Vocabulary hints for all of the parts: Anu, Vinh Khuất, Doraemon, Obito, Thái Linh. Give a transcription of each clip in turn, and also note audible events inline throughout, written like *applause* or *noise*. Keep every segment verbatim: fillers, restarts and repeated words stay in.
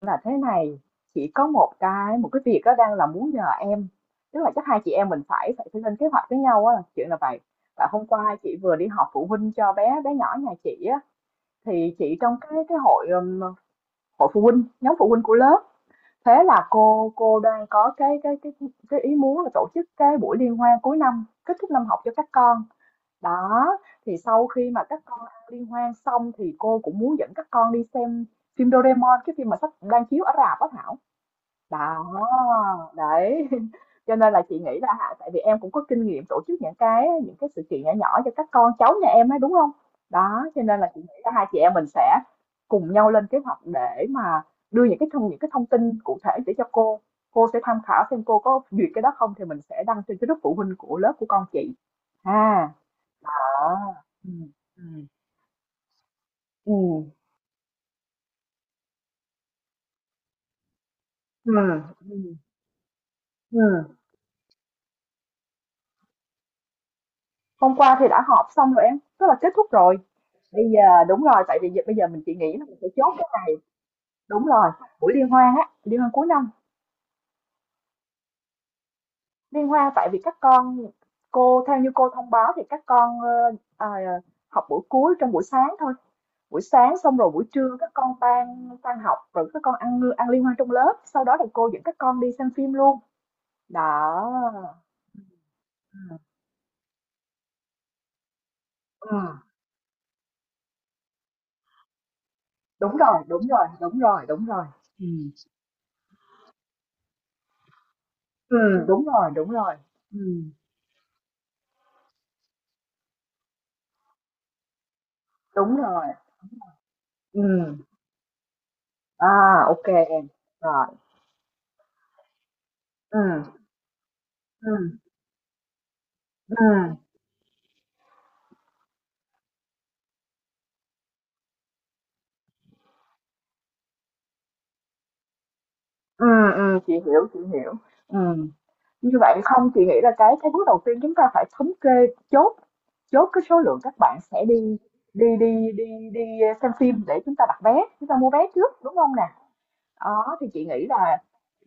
Là thế này, chỉ có một cái một cái việc á đang là muốn nhờ em, tức là chắc hai chị em mình phải phải lên kế hoạch với nhau á, chuyện là vậy. Tại hôm qua chị vừa đi họp phụ huynh cho bé bé nhỏ nhà chị á, thì chị trong cái cái hội, ừm, hội phụ huynh, nhóm phụ huynh của lớp. Thế là cô cô đang có cái cái cái cái ý muốn là tổ chức cái buổi liên hoan cuối năm, kết thúc năm học cho các con. Đó, thì sau khi mà các con ăn liên hoan xong thì cô cũng muốn dẫn các con đi xem phim Doraemon, cái phim mà sắp đang chiếu ở rạp á Thảo đó, đấy. *laughs* Cho nên là chị nghĩ là hả, tại vì em cũng có kinh nghiệm tổ chức những cái những cái sự kiện nhỏ nhỏ cho các con cháu nhà em ấy, đúng không? Đó, cho nên là chị nghĩ là hai chị em mình sẽ cùng nhau lên kế hoạch để mà đưa những cái thông những cái thông tin cụ thể để cho cô. Cô sẽ tham khảo xem cô có duyệt cái đó không thì mình sẽ đăng trên cái lớp phụ huynh của lớp của con chị ha. Đó. Ừm, ừm. Ừm, ừm, ừm. Hôm qua thì đã họp xong rồi em, tức là kết thúc rồi. Bây giờ đúng rồi, tại vì bây giờ mình chỉ nghĩ là mình sẽ chốt cái này. Đúng rồi, buổi liên hoan á, liên hoan cuối năm. Liên hoan tại vì các con cô theo như cô thông báo thì các con ờ, à, học buổi cuối trong buổi sáng thôi. Buổi sáng xong rồi buổi trưa các con tan tan học rồi các con ăn ăn liên hoan trong lớp, sau đó thì cô dẫn các con đi xem phim luôn. Đó. Ừ. Ừ. Đúng rồi, đúng rồi, đúng rồi, đúng rồi. Ừ, ừ, đúng rồi, đúng rồi. Ừ, đúng rồi. Ừ. À, ok em. Rồi. Ừ, ừ, ừ, ừ, ừm, chị hiểu, chị hiểu. Ừm, như vậy không, chị nghĩ là cái cái bước đầu tiên chúng ta phải thống kê, chốt chốt cái số lượng các bạn sẽ đi đi đi đi đi xem phim để chúng ta đặt vé, chúng ta mua vé trước, đúng không nè? Đó, thì chị nghĩ là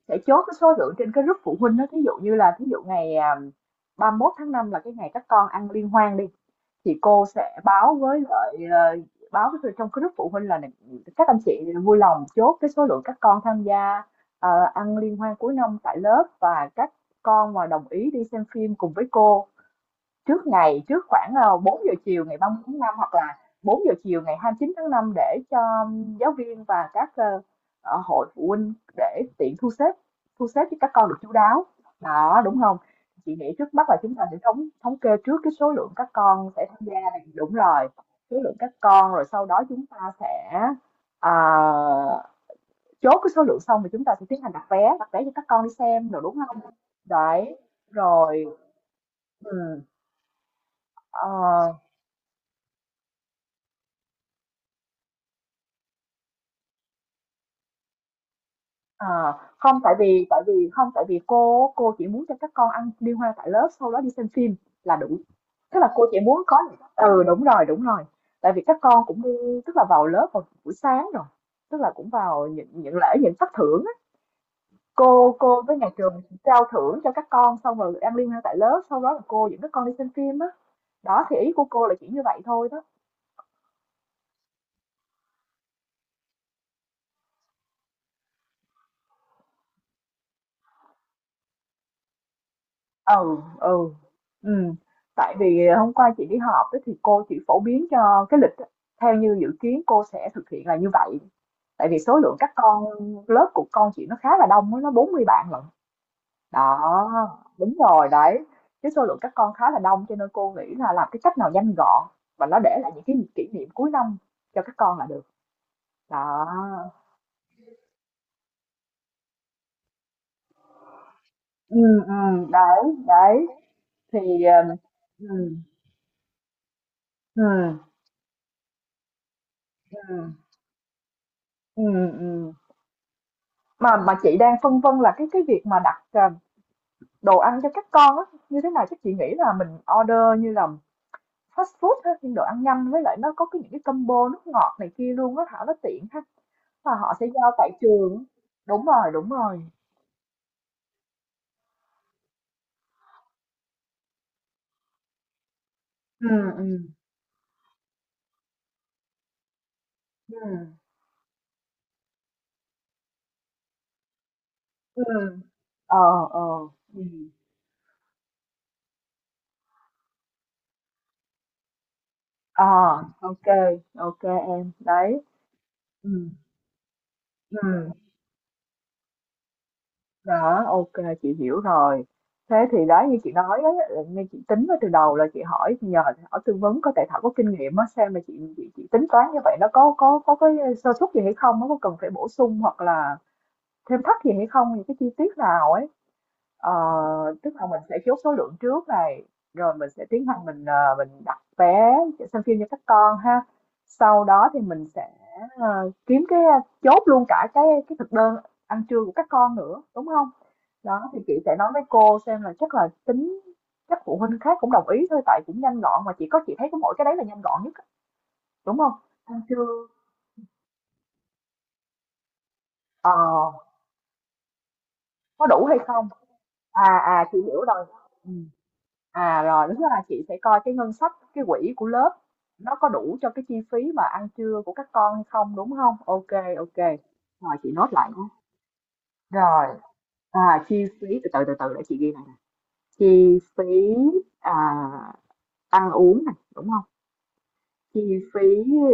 sẽ chốt cái số lượng trên cái group phụ huynh đó, thí dụ như là thí dụ ngày à, ba mươi mốt tháng năm là cái ngày các con ăn liên hoan đi, thì cô sẽ báo với lại ờ, báo với trong cái group phụ huynh là các anh chị vui lòng chốt cái số lượng các con tham gia ờ, ăn liên hoan cuối năm tại lớp và các con mà đồng ý đi xem phim cùng với cô trước ngày trước khoảng ờ, bốn giờ chiều ngày ba mươi tháng năm, hoặc là bốn giờ chiều ngày hai mươi chín tháng năm, để cho giáo viên và các ờ, ờ, hội phụ huynh để tiện thu xếp thu xếp cho các con được chú đáo, đó, đúng không? Chị nghĩ trước mắt là chúng ta sẽ thống thống kê trước cái số lượng các con sẽ tham gia này, đúng rồi, số lượng các con, rồi sau đó chúng ta sẽ ờ, chốt cái số lượng xong thì chúng ta sẽ tiến hành đặt vé đặt vé cho các con đi xem rồi đúng không? Đấy, rồi, ừ. À. Ờ, không, tại vì tại vì không, tại vì cô cô chỉ muốn cho các con ăn liên hoan tại lớp, sau đó đi xem phim là đủ. Tức là cô chỉ muốn có, ừ đúng rồi, đúng rồi. Tại vì các con cũng đi, tức là vào lớp vào buổi sáng rồi. Tức là cũng vào những những lễ, những phát thưởng á. Cô cô với nhà trường trao thưởng cho các con xong rồi ăn liên hoan tại lớp, sau đó là cô dẫn các con đi xem phim á. Đó, thì ý của cô là chỉ như vậy thôi đó. Ừ, ừ, ừ. Tại vì ờ, hôm qua chị đi họp á, thì cô chỉ phổ biến cho cái lịch á, theo như dự kiến cô sẽ thực hiện là như vậy. Tại vì số lượng các con lớp của con chị nó khá là đông á, nó bốn mươi bạn lận. Đó, đúng rồi đấy. Cái số lượng các con khá là đông cho nên cô nghĩ là làm cái cách nào nhanh gọn và nó để lại những cái kỷ niệm cuối năm cho các con là được. Đó. Ừ, ừ, đấy, đấy. Thì ờ, ừ, ừ, ừ, ừ. Ừm. Mà mà chị đang phân vân là cái cái việc mà đặt, à, đồ ăn cho các con á, như thế nào? Chắc chị nghĩ là mình order như là fast food ha, nhưng đồ ăn nhanh với lại nó có cái những cái combo nước ngọt này kia luôn á, Thảo, nó tiện ha. Và họ sẽ giao tại trường. Đúng rồi, đúng rồi. Ừ, ừ, ừ, ừm. Ờ, ờ. Ừ. Ờ, ok ok em. Đấy. Ừ, ừ. Đó, ok chị hiểu rồi. Thế thì đó như chị nói ấy, là như chị tính ở từ đầu là chị hỏi nhờ, hỏi tư vấn, có tại Thảo có kinh nghiệm á, xem mà chị, chị chị tính toán như vậy nó có có có cái sơ suất gì hay không, nó có cần phải bổ sung hoặc là thêm thắt gì hay không, những cái chi tiết nào ấy. Ờ, tức là mình sẽ chốt số lượng trước này, rồi mình sẽ tiến hành mình ờ, mình đặt vé để xem phim cho các con ha. Sau đó thì mình sẽ ờ, kiếm cái, chốt luôn cả cái cái thực đơn ăn trưa của các con nữa đúng không? Đó, thì chị sẽ nói với cô xem là chắc là tính các phụ huynh khác cũng đồng ý thôi, tại cũng nhanh gọn mà, chỉ có chị thấy có mỗi cái đấy là nhanh gọn nhất, đúng không? Ăn trưa ờ, có đủ hay không? À, à, chị hiểu rồi. Ừ. À rồi, đúng là chị sẽ coi cái ngân sách cái quỹ của lớp nó có đủ cho cái chi phí mà ăn trưa của các con hay không, đúng không? Ok ok. Rồi chị nốt lại nhé. Rồi, à chi phí, từ từ từ từ để chị ghi này nè. Chi phí à, ăn uống này, đúng không? Chi phí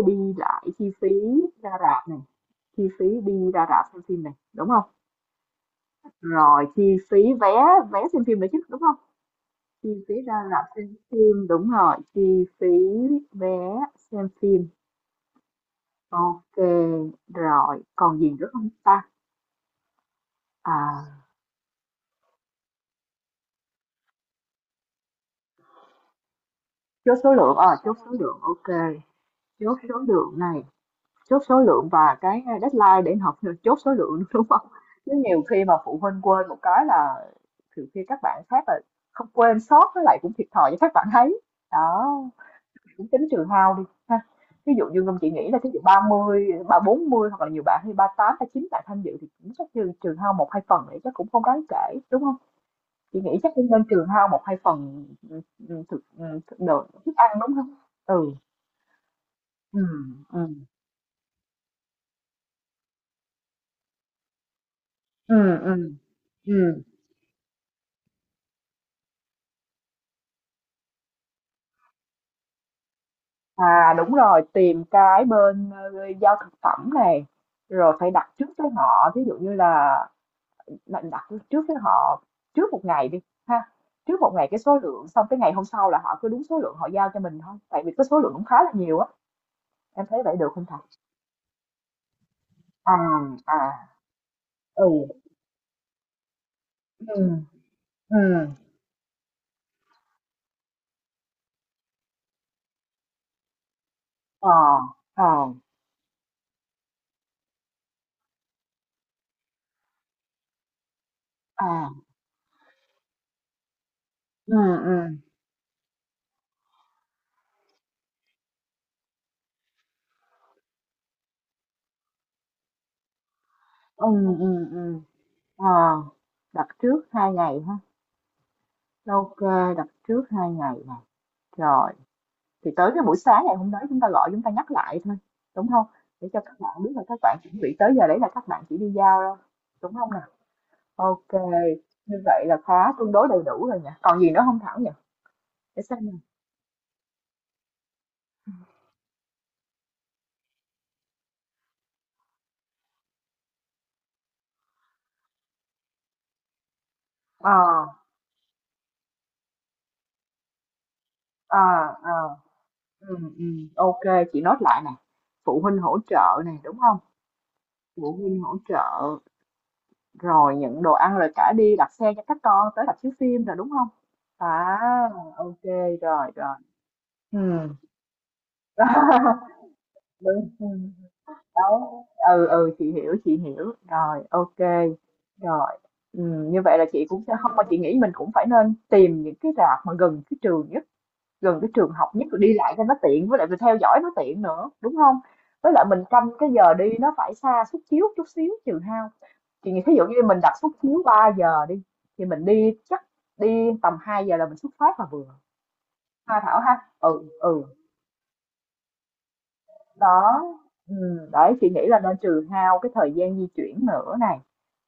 đi lại, chi phí ra rạp này, chi phí đi ra rạp xem phim này đúng không, rồi chi phí vé vé xem phim nữa chứ đúng không? Chi phí ra rạp xem phim, đúng rồi, chi phí vé xem phim. Ok, rồi còn gì nữa không ta? À, chốt số lượng, ờ chốt số lượng, ok. Chốt số lượng này, chốt số lượng và cái deadline để học chốt số lượng *laughs* đúng không? Chứ nhiều khi mà phụ huynh quên một cái là nhiều khi các bạn khác là không quên sót, với lại cũng thiệt thòi cho các bạn thấy. Đó, cũng tính trừ hao đi ha. Ví dụ như Ngân, chị nghĩ là ví dụ ba mươi ba, bốn mươi hoặc là nhiều bạn, hay ba tám, ba chín bạn tham dự thì cũng chắc trừ, trừ hao một hai phần thì chắc cũng không đáng kể đúng không? Chị nghĩ chắc cũng nên trừ hao một hai phần. ừ, ừ, thực, ừ, thực đồ thức ăn đúng không? Ừ, ừ, ừ, ừ, ừ, ừ. À đúng rồi, tìm cái bên ờ, giao thực phẩm này, rồi phải đặt trước với họ, ví dụ như là đặt đặt trước với họ trước một ngày đi ha. Trước một ngày cái số lượng, xong cái ngày hôm sau là họ cứ đúng số lượng họ giao cho mình thôi. Tại vì cái số lượng cũng khá là nhiều á. Em thấy vậy được không thầy? À, à, ừ, ừ, ừ, ờ, ờ, à, ừ, ừ, ừ, ừ, ừ, ờ, đặt trước hai ngày ha. Ok, đặt trước hai ngày nè. Rồi. Thì tới cái buổi sáng ngày hôm đó chúng ta gọi chúng ta nhắc lại thôi, đúng không? Để cho các bạn biết là các bạn chuẩn bị tới giờ đấy là các bạn chỉ đi giao đâu, đúng không nào? OK, như vậy là khá tương đối đầy đủ rồi nhỉ? Còn gì nữa không Thảo nhỉ? Để xem nè. Ờ, ờ, ờ, ừm, ừm, OK, chị nốt lại nè. Phụ huynh hỗ trợ này đúng không? Phụ huynh hỗ trợ, rồi nhận đồ ăn, rồi cả đi đặt xe cho các con tới rạp chiếu phim rồi, đúng không? À, OK, rồi, rồi. Ừ. *laughs* Đúng, ừ. Đó. Ừ, ừ, chị hiểu, chị hiểu rồi, ok, rồi. Ừ, như vậy là chị cũng sẽ không, mà chị nghĩ mình cũng phải nên tìm những cái rạp mà gần cái trường nhất, gần cái trường học nhất, rồi đi lại cho nó tiện với lại mình theo dõi nó tiện nữa, đúng không? Với lại mình canh cái giờ đi nó phải xa suất chiếu chút xíu, trừ hao. Chị nghĩ thí dụ như mình đặt suất chiếu ba giờ đi thì mình đi chắc đi tầm hai giờ là mình xuất phát là vừa, ha Thảo ha. Ừ, ừ, đó, ừ, đấy, chị nghĩ là nên trừ hao cái thời gian di chuyển nữa này,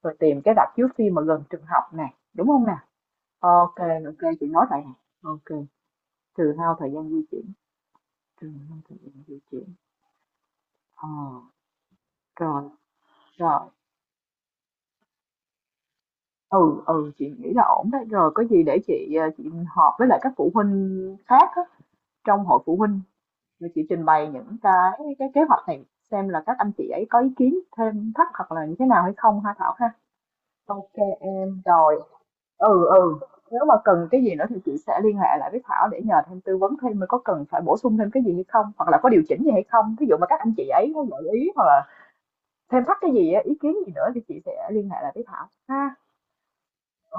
rồi tìm cái rạp chiếu phim mà gần trường học này, đúng không nè? Ok, ok, chị nói vậy nè, ok. Trừ hao thời gian di chuyển, trừ hao thời gian di chuyển, ờ, rồi, rồi. Ừ, ừ, chị nghĩ là ổn đấy, rồi có gì để chị ờ, chị họp với lại các phụ huynh khác á, trong hội phụ huynh, rồi chị trình bày những cái cái kế hoạch này, xem là các anh chị ấy có ý kiến thêm thắt hoặc là như thế nào hay không, ha Thảo ha. Ok em, rồi. Ừ, ừ, nếu mà cần cái gì nữa thì chị sẽ liên hệ lại với Thảo để nhờ thêm, tư vấn thêm mới có cần phải bổ sung thêm cái gì hay không hoặc là có điều chỉnh gì hay không, ví dụ mà các anh chị ấy có gợi ý hoặc là thêm thắt cái gì á, ý kiến gì nữa thì chị sẽ liên hệ lại với Thảo ha